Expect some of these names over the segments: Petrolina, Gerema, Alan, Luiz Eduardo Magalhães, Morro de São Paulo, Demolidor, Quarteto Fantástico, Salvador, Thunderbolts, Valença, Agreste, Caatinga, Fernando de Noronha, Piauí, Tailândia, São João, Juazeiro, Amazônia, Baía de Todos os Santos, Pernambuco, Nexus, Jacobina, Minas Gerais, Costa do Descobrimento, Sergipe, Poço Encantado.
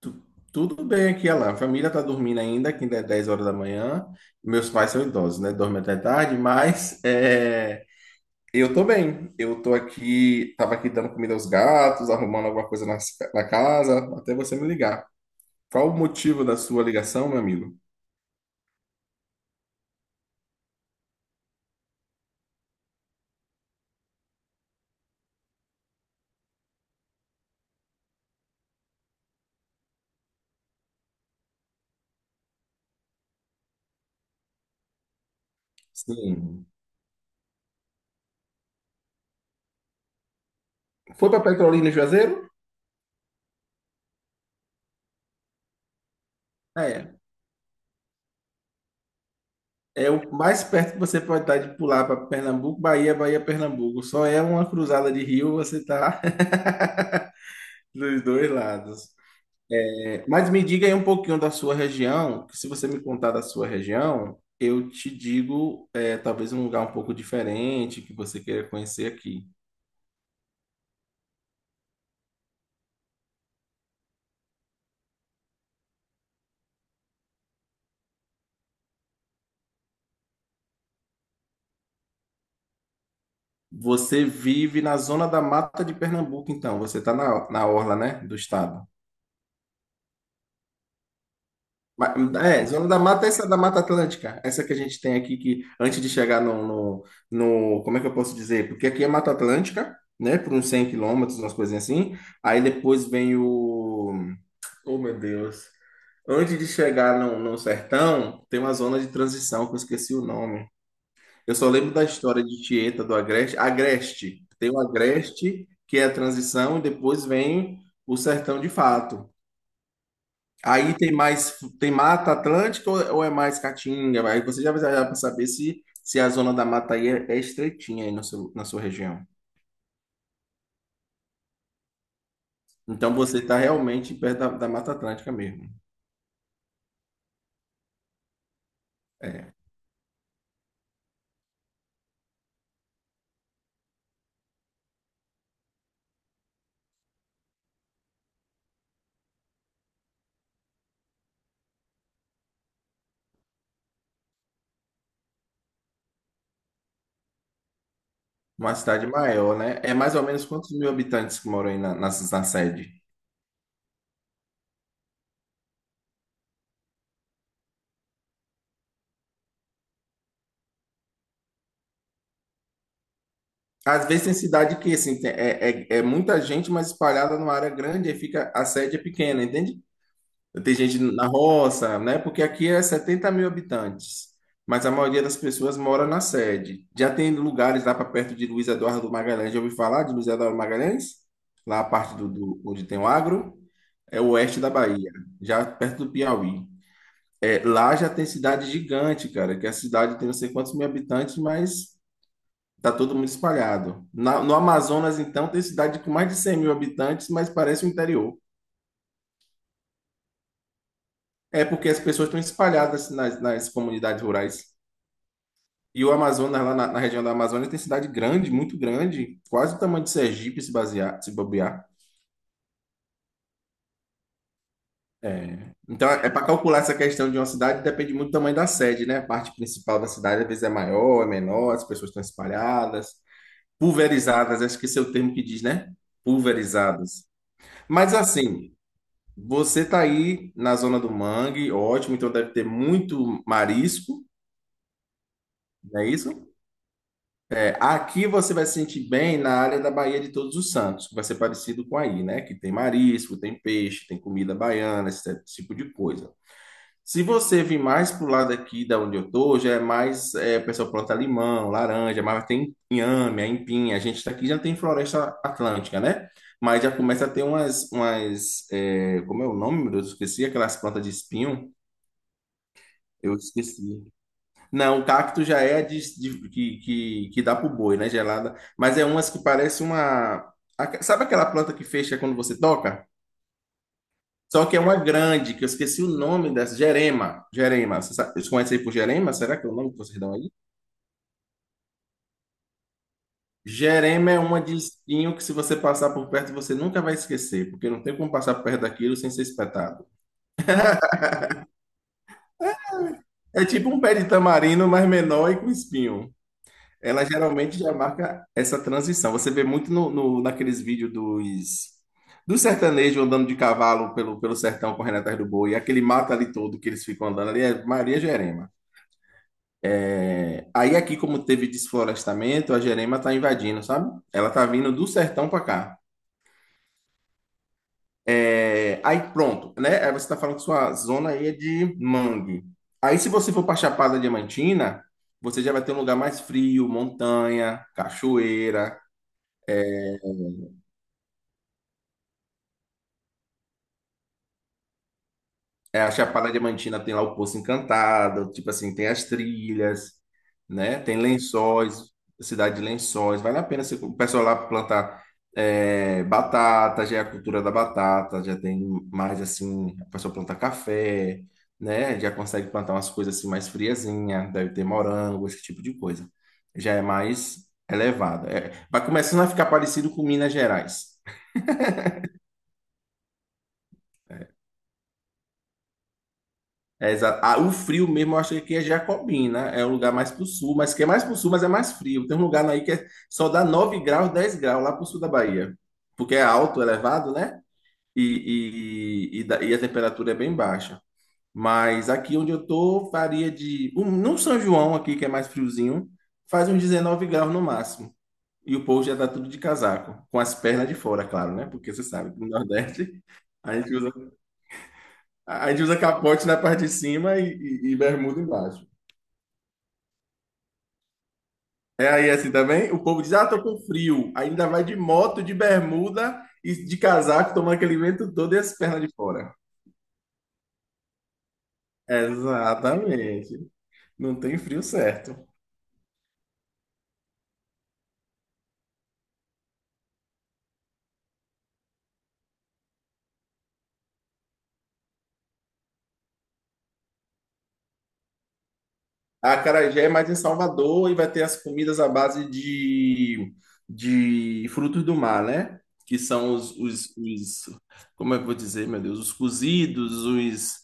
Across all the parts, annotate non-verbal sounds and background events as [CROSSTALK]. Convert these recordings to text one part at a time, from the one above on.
Tu- Tudo bem aqui, Alan. A família tá dormindo ainda, que ainda é 10 horas da manhã. Meus pais são idosos, né? Dormem até tarde, mas eu tô bem. Eu tô aqui, tava aqui dando comida aos gatos, arrumando alguma coisa na casa, até você me ligar. Qual o motivo da sua ligação, meu amigo? Sim. Foi para Petrolina e Juazeiro? É. É o mais perto que você pode estar de pular para Pernambuco, Bahia, Bahia, Pernambuco. Só é uma cruzada de rio, você tá [LAUGHS] dos dois lados. Mas me diga aí um pouquinho da sua região, que se você me contar da sua região, eu te digo, talvez um lugar um pouco diferente que você queira conhecer aqui. Você vive na zona da mata de Pernambuco, então. Você está na orla, né, do estado. Ma- É, zona da mata, essa é da Mata Atlântica. Essa que a gente tem aqui, que antes de chegar como é que eu posso dizer? Porque aqui é Mata Atlântica, né, por uns 100 quilômetros, umas coisinhas assim. Aí depois vem o Oh, meu Deus. Antes de chegar no sertão, tem uma zona de transição que eu esqueci o nome. Eu só lembro da história de Tieta do Agreste. Agreste. Tem o Agreste, que é a transição, e depois vem o sertão de fato. Aí tem mais, tem Mata Atlântica ou é mais Caatinga? Aí você já vai viajar para saber se a zona da mata aí é estreitinha aí no seu, na sua região. Então você está realmente perto da Mata Atlântica mesmo. É. Uma cidade maior, né? É mais ou menos quantos mil habitantes que moram aí na sede? Às vezes tem cidade que, assim, é muita gente, mas espalhada numa área grande, aí fica, a sede é pequena, entende? Tem gente na roça, né? Porque aqui é 70 mil habitantes, mas a maioria das pessoas mora na sede. Já tem lugares lá para perto de Luiz Eduardo Magalhães, já ouviu falar de Luiz Eduardo Magalhães? Lá a parte onde tem o agro, é o oeste da Bahia, já perto do Piauí. É, lá já tem cidade gigante, cara, que a cidade tem não sei quantos mil habitantes, mas tá todo mundo espalhado. No Amazonas, então, tem cidade com mais de 100 mil habitantes, mas parece o interior. É porque as pessoas estão espalhadas nas comunidades rurais. E o Amazonas, lá na região da Amazônia, tem cidade grande, muito grande, quase o tamanho de Sergipe, se basear, se bobear. É. Então, é para calcular essa questão de uma cidade, depende muito do tamanho da sede, né? A parte principal da cidade, às vezes, é maior, é menor, as pessoas estão espalhadas. Pulverizadas, acho que esse é o termo que diz, né? Pulverizadas. Mas assim, você tá aí na zona do mangue, ótimo, então deve ter muito marisco, não é isso? É, aqui você vai se sentir bem na área da Baía de Todos os Santos, que vai ser parecido com aí, né? Que tem marisco, tem peixe, tem comida baiana, esse tipo de coisa. Se você vir mais pro lado aqui da onde eu tô, já é mais, o pessoal planta limão, laranja, mas tem inhame, aipim. A gente tá aqui já tem floresta atlântica, né? Mas já começa a ter umas, como é o nome, meu Deus? Eu esqueci aquelas plantas de espinho. Eu esqueci. Não, o cacto já é que dá pro boi, né? Gelada. Mas é umas que parece uma. Sabe aquela planta que fecha quando você toca? Só que é uma grande, que eu esqueci o nome dessa. Gerema. Gerema. Vocês conhecem aí por Gerema? Será que é o nome que vocês dão aí? Gerema é uma de espinho que, se você passar por perto, você nunca vai esquecer, porque não tem como passar por perto daquilo sem ser espetado. É tipo um pé de tamarindo, mas menor e com espinho. Ela geralmente já marca essa transição. Você vê muito naqueles vídeos dos sertanejos andando de cavalo pelo sertão correndo atrás do boi, aquele mato ali todo que eles ficam andando ali, é Maria Gerema. Aí aqui, como teve desflorestamento, a Gerema tá invadindo, sabe? Ela tá vindo do sertão para cá. É, aí pronto, né? Aí você tá falando que sua zona aí é de mangue. Aí se você for para Chapada Diamantina, você já vai ter um lugar mais frio, montanha, cachoeira. É, a Chapada Diamantina tem lá o Poço Encantado, tipo assim, tem as trilhas, né? Tem Lençóis, cidade de Lençóis. Vale a pena o pessoal lá plantar batata, já é a cultura da batata, já tem mais assim, o pessoal planta café, né? Já consegue plantar umas coisas assim mais friazinha, deve ter morango, esse tipo de coisa. Já é mais elevado. É, vai começando a ficar parecido com Minas Gerais. É, exato. Ah, o frio mesmo, eu acho que aqui é Jacobina, né? É o lugar mais pro sul, mas que é mais pro sul, mas é mais frio. Tem um lugar aí que só dá 9 graus, 10 graus lá pro sul da Bahia, porque é alto, elevado, né? E, e a temperatura é bem baixa. Mas aqui onde eu tô, no São João, aqui que é mais friozinho, faz uns 19 graus no máximo. E o povo já tá tudo de casaco, com as pernas de fora, claro, né? Porque você sabe que no Nordeste a gente usa. a gente usa capote na parte de cima e bermuda embaixo. É aí assim também? O povo diz, ah, tô com frio. Ainda vai de moto, de bermuda e de casaco, tomando aquele vento todo e as pernas de fora. Exatamente. Não tem frio certo. A Acarajé é mais em Salvador e vai ter as comidas à base de frutos do mar, né? Que são como é que eu vou dizer, meu Deus, os cozidos, os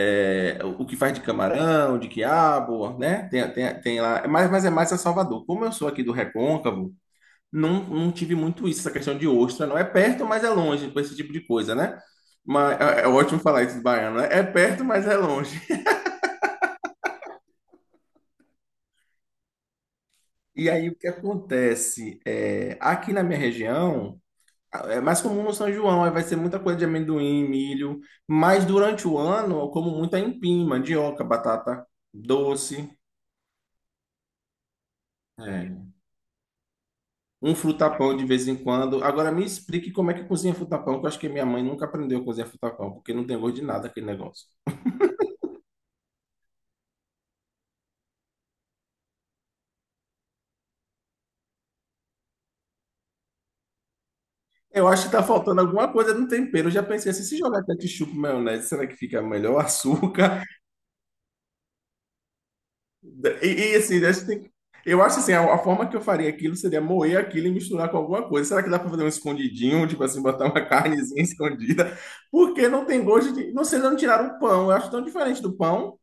é, o que faz de camarão, de quiabo, né? Tem lá, mas é mais a Salvador. Como eu sou aqui do Recôncavo, não tive muito isso, essa questão de ostra, não é perto, mas é longe, com esse tipo de coisa, né? Mas é ótimo falar isso de baiano, né? É perto, mas é longe. E aí o que acontece? É, aqui na minha região, é mais comum no São João, aí vai ser muita coisa de amendoim, milho, mas durante o ano eu como muita empim, mandioca, batata doce, é, um frutapão de vez em quando. Agora me explique como é que cozinha frutapão, que eu acho que minha mãe nunca aprendeu a cozinhar frutapão, porque não tem gosto de nada aquele negócio. Eu acho que tá faltando alguma coisa no tempero. Eu já pensei assim, se jogar ketchup, maionese, será que fica melhor? [LAUGHS] Açúcar? Assim, acho que eu acho assim, a forma que eu faria aquilo seria moer aquilo e misturar com alguma coisa. Será que dá para fazer um escondidinho, tipo assim, botar uma [LAUGHS] carnezinha escondida? Porque não tem gosto de. Não sei, não tiraram o pão. Eu acho tão diferente do pão.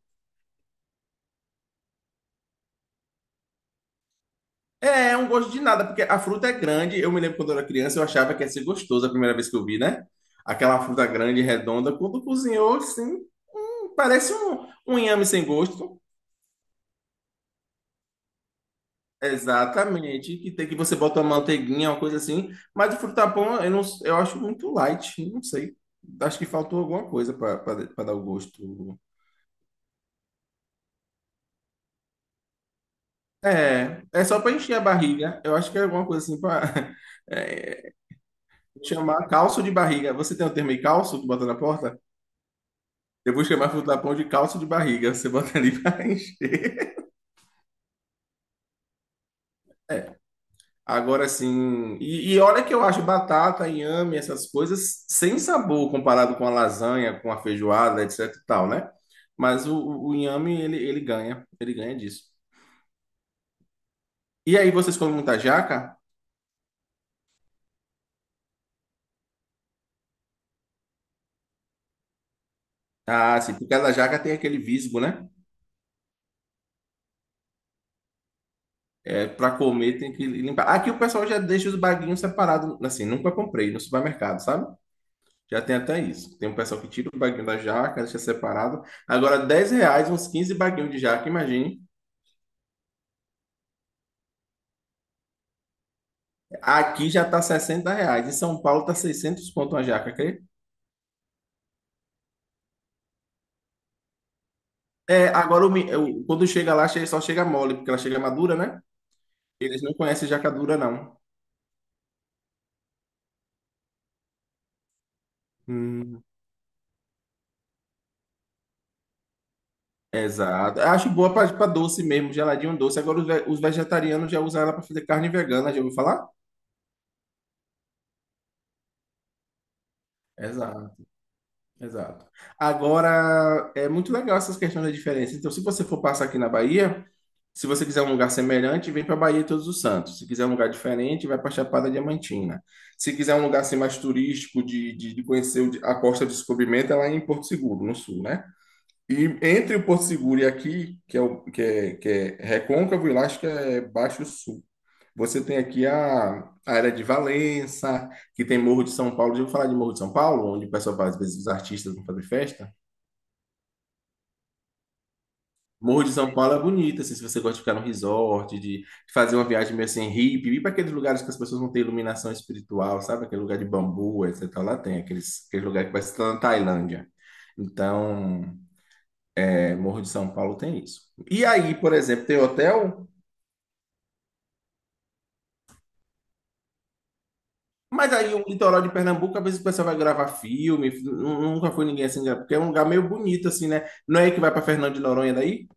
É, é um gosto de nada, porque a fruta é grande. Eu me lembro quando eu era criança, eu achava que ia ser gostoso a primeira vez que eu vi, né? Aquela fruta grande, redonda. Quando cozinhou, assim, parece um inhame sem gosto. Exatamente, que tem que você botar uma manteiguinha, uma coisa assim, mas o frutapão eu não, eu acho muito light, não sei. Acho que faltou alguma coisa para dar o gosto. É, é só para encher a barriga. Eu acho que é alguma coisa assim para [LAUGHS] chamar calço de barriga. Você tem o termo aí, calço que bota na porta? Eu vou chamar frutapão de calço de barriga. Você bota ali [LAUGHS] para encher. Agora sim. E olha que eu acho batata, inhame, essas coisas sem sabor comparado com a lasanha, com a feijoada, etc e tal, né? Mas o inhame, ele ganha. Ele ganha disso. E aí, vocês comem muita jaca? Ah, sim, porque cada jaca tem aquele visgo, né? É, para comer tem que limpar. Aqui o pessoal já deixa os baguinhos separados, assim, nunca comprei no supermercado, sabe? Já tem até isso. Tem um pessoal que tira o baguinho da jaca, deixa separado. Agora, R$ 10, uns 15 baguinhos de jaca, imagine. Aqui já tá 60 reais. Em São Paulo tá 600 conto uma jaca, crê? É, agora, quando chega lá, só chega mole, porque ela chega madura, né? Eles não conhecem jaca dura, não. Hum, exato. Eu acho boa pra doce mesmo, geladinho doce. Agora, os vegetarianos já usam ela pra fazer carne vegana, já ouviu falar? Exato, exato. Agora, é muito legal essas questões da diferença. Então, se você for passar aqui na Bahia, se você quiser um lugar semelhante, vem para Bahia e Todos os Santos. Se quiser um lugar diferente, vai para Chapada Diamantina. Se quiser um lugar assim, mais turístico, de conhecer o a Costa do Descobrimento, é lá em Porto Seguro, no sul, né? E entre o Porto Seguro e aqui, que é Recôncavo e lá acho que é Baixo Sul, você tem aqui a área de Valença, que tem Morro de São Paulo. Já ouviu falar de Morro de São Paulo, onde o pessoal faz, às vezes, os artistas vão fazer festa? Morro de São Paulo é bonito, assim, se você gosta de ficar no resort, de fazer uma viagem meio assim hippie, ir para aqueles lugares que as pessoas não têm iluminação espiritual, sabe? Aquele lugar de bambu, etc. Lá tem aqueles, aquele lugar que parece que tá na Tailândia. Então, Morro de São Paulo tem isso. E aí, por exemplo, tem hotel, mas aí o litoral de Pernambuco, às vezes o pessoal vai gravar filme, nunca foi ninguém assim, porque é um lugar meio bonito, assim, né? Não é aí que vai para Fernando de Noronha daí?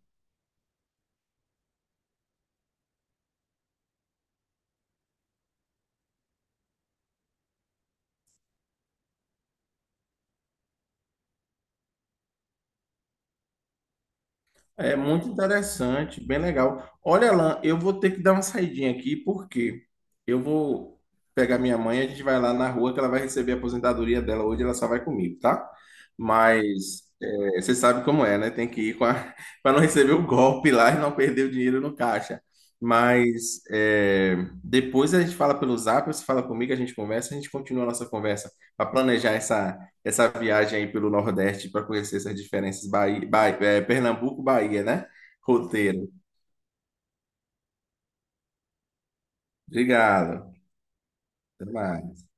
É muito interessante, bem legal. Olha, Alan, eu vou ter que dar uma saidinha aqui, porque eu vou pegar minha mãe, a gente vai lá na rua que ela vai receber a aposentadoria dela hoje, ela só vai comigo, tá? Mas é, você sabe como é, né? Tem que ir com a [LAUGHS] para não receber o golpe lá e não perder o dinheiro no caixa. Mas é, depois a gente fala pelo Zap, você fala comigo, a gente conversa, a gente continua a nossa conversa para planejar essa viagem aí pelo Nordeste para conhecer essas diferenças Bahia, Pernambuco, Bahia, né? Roteiro. Obrigado. Até mais.